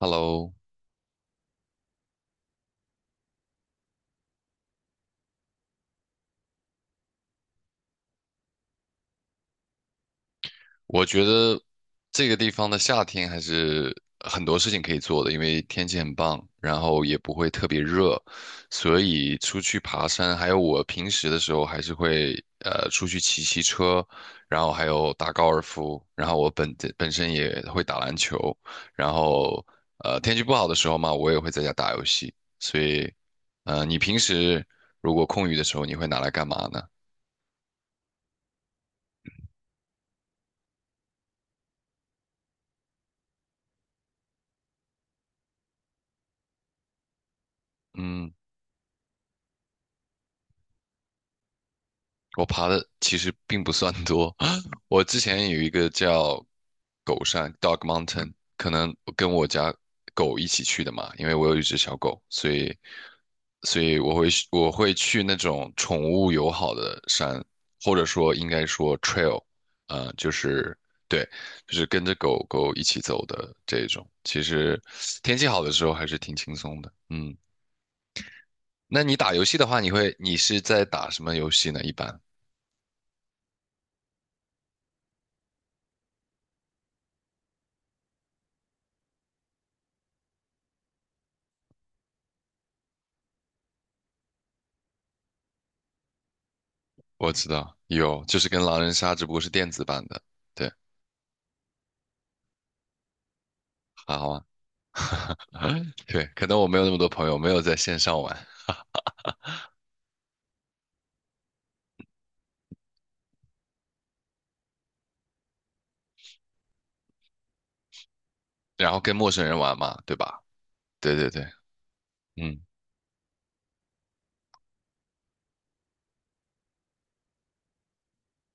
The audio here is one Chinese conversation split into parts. Hello，我觉得这个地方的夏天还是很多事情可以做的，因为天气很棒，然后也不会特别热，所以出去爬山，还有我平时的时候还是会出去骑骑车，然后还有打高尔夫，然后我本身也会打篮球，然后天气不好的时候嘛，我也会在家打游戏，所以你平时如果空余的时候，你会拿来干嘛呢？嗯。我爬的其实并不算多。我之前有一个叫狗山 （Dog Mountain），可能跟我家狗一起去的嘛，因为我有一只小狗，所以我会去那种宠物友好的山，或者说应该说 trail，就是对，就是跟着狗狗一起走的这种。其实天气好的时候还是挺轻松的。嗯，那你打游戏的话，你是在打什么游戏呢？一般？我知道有，就是跟狼人杀，只不过是电子版的。对，好啊，对，可能我没有那么多朋友，没有在线上玩，然后跟陌生人玩嘛，对吧？对对对，嗯，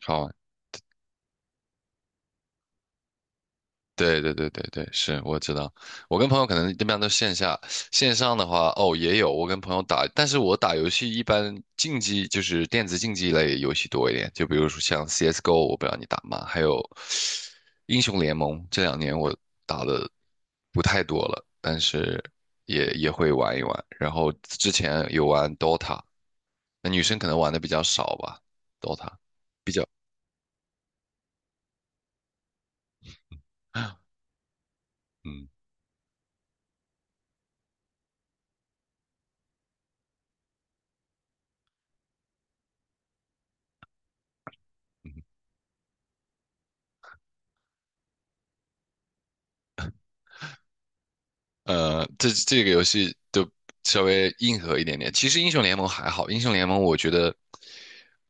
好啊。对对对对对，是我知道。我跟朋友可能一般都线下，线上的话，哦，也有我跟朋友打，但是我打游戏一般竞技就是电子竞技类游戏多一点，就比如说像 CS:GO，我不知道你打吗？还有英雄联盟，这两年我打的不太多了，但是也会玩一玩。然后之前有玩 DOTA，那女生可能玩的比较少吧，DOTA 比较，嗯。嗯这个游戏就稍微硬核一点点。其实英雄联盟还好，英雄联盟我觉得。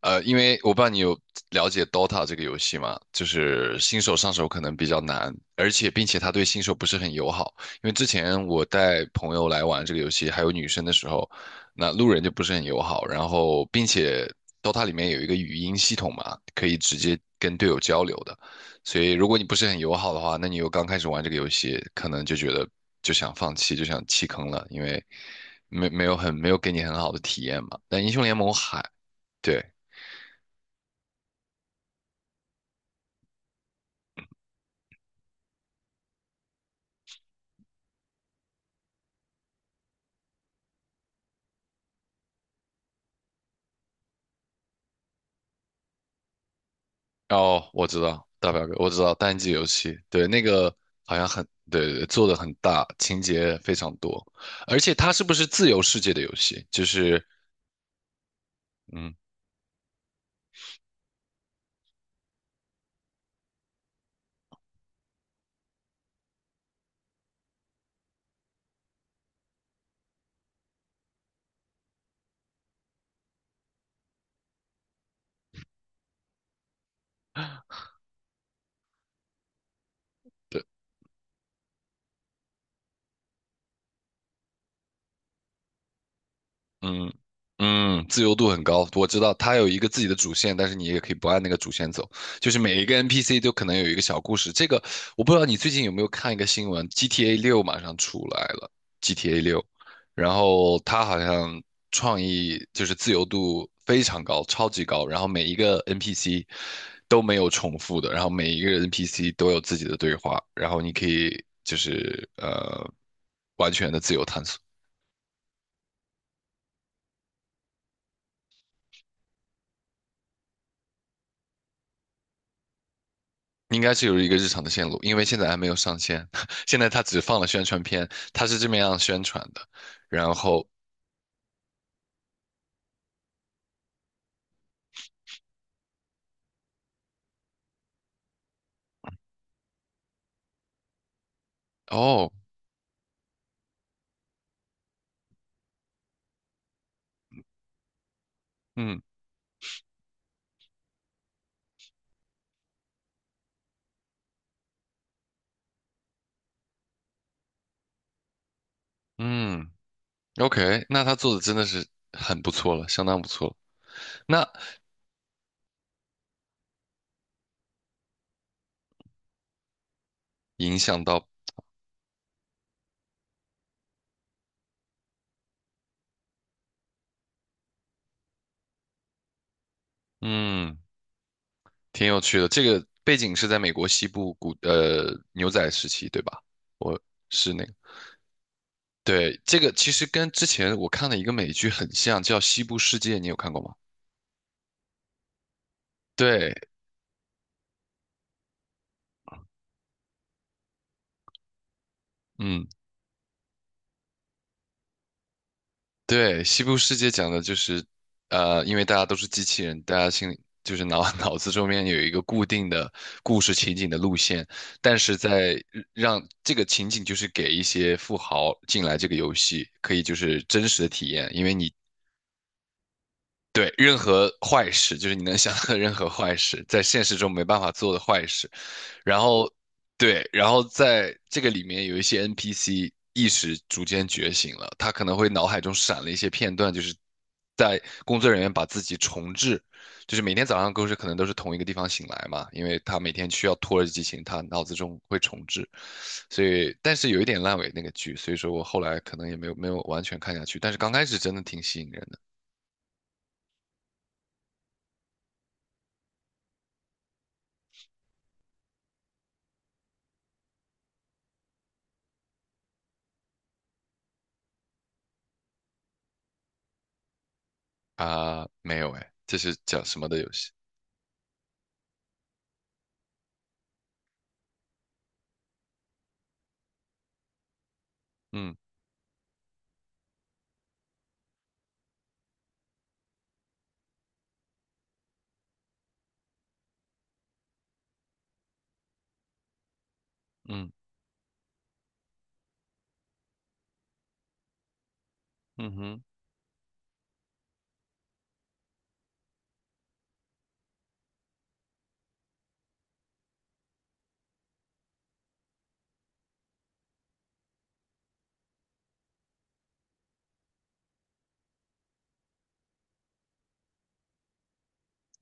因为我不知道你有了解 Dota 这个游戏吗？就是新手上手可能比较难，而且并且它对新手不是很友好。因为之前我带朋友来玩这个游戏，还有女生的时候，那路人就不是很友好。然后，并且 Dota 里面有一个语音系统嘛，可以直接跟队友交流的。所以，如果你不是很友好的话，那你又刚开始玩这个游戏，可能就觉得就想放弃，就想弃坑了，因为没有很没有给你很好的体验嘛。但英雄联盟还对。哦，我知道大表哥，我知道单机游戏，对，那个好像很，对对对，做的很大，情节非常多，而且它是不是自由世界的游戏？就是，嗯，嗯嗯，自由度很高，我知道它有一个自己的主线，但是你也可以不按那个主线走，就是每一个 NPC 都可能有一个小故事。这个我不知道你最近有没有看一个新闻，GTA 六马上出来了，GTA 六，然后它好像创意就是自由度非常高，超级高，然后每一个 NPC 都没有重复的，然后每一个 NPC 都有自己的对话，然后你可以就是完全的自由探索。应该是有一个日常的线路，因为现在还没有上线，现在它只放了宣传片，它是这么样宣传的。然后，哦，嗯嗯，OK，那他做的真的是很不错了，相当不错了。那影响到，嗯，挺有趣的。这个背景是在美国西部牛仔时期，对吧？我是那个，对，这个其实跟之前我看的一个美剧很像，叫《西部世界》，你有看过吗？对，嗯。对，西部世界讲的就是，因为大家都是机器人，大家心里就是脑子中间有一个固定的故事情景的路线，但是在让这个情景就是给一些富豪进来这个游戏，可以就是真实的体验，因为你对任何坏事，就是你能想到的任何坏事，在现实中没办法做的坏事。然后对，然后在这个里面有一些 NPC 意识逐渐觉醒了，他可能会脑海中闪了一些片段，就是在工作人员把自己重置，就是每天早上都是可能都是同一个地方醒来嘛，因为他每天需要拖着剧情，他脑子中会重置，所以但是有一点烂尾那个剧，所以说我后来可能也没有完全看下去，但是刚开始真的挺吸引人的。啊，没有哎，这是讲什么的游戏？嗯嗯嗯哼，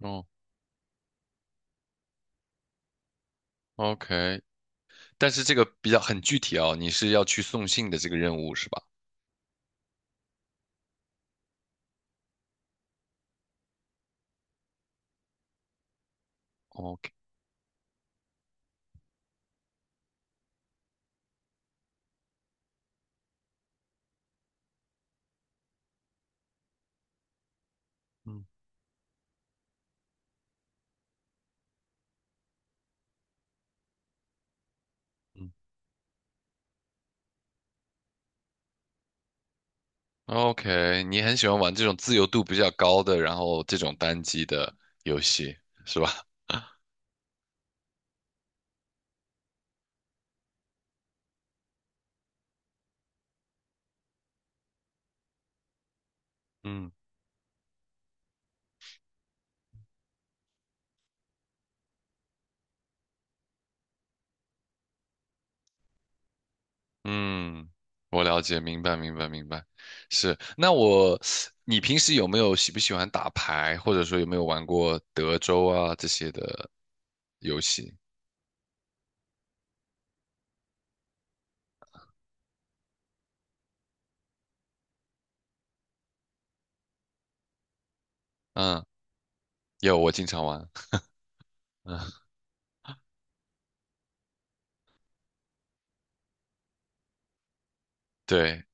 哦，OK。但是这个比较很具体哦，你是要去送信的这个任务是吧？哦，OK，嗯嗯，OK，你很喜欢玩这种自由度比较高的，然后这种单机的游戏是吧？嗯嗯，我了解，明白明白明白，是。你平时有没有喜不喜欢打牌，或者说有没有玩过德州啊这些的游戏？嗯，有，我经常玩。嗯，对，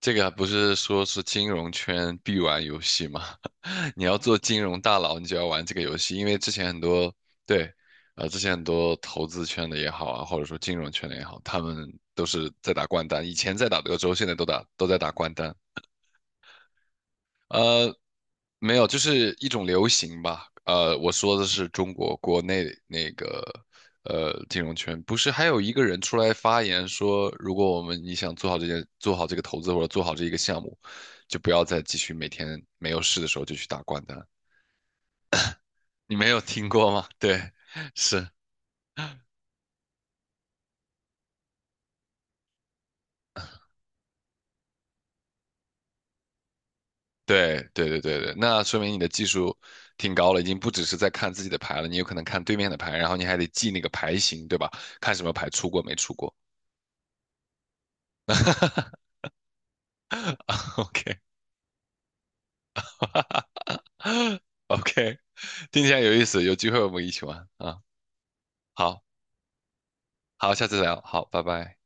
这个不是说是金融圈必玩游戏吗？你要做金融大佬，你就要玩这个游戏，因为之前很多，对，啊，之前很多投资圈的也好啊，或者说金融圈的也好，他们都是在打掼蛋，以前在打德州，现在都打都在打掼蛋。呃，没有，就是一种流行吧。我说的是中国国内那个金融圈，不是还有一个人出来发言说，如果我们你想做好这件，做好这个投资或者做好这一个项目，就不要再继续每天没有事的时候就去打掼蛋。你没有听过吗？对，是，对，对对对对，那说明你的技术挺高了，已经不只是在看自己的牌了，你有可能看对面的牌，然后你还得记那个牌型，对吧？看什么牌出过没出过。OK。OK，听起来有意思，有机会我们一起玩啊。好，好，下次聊，好，拜拜。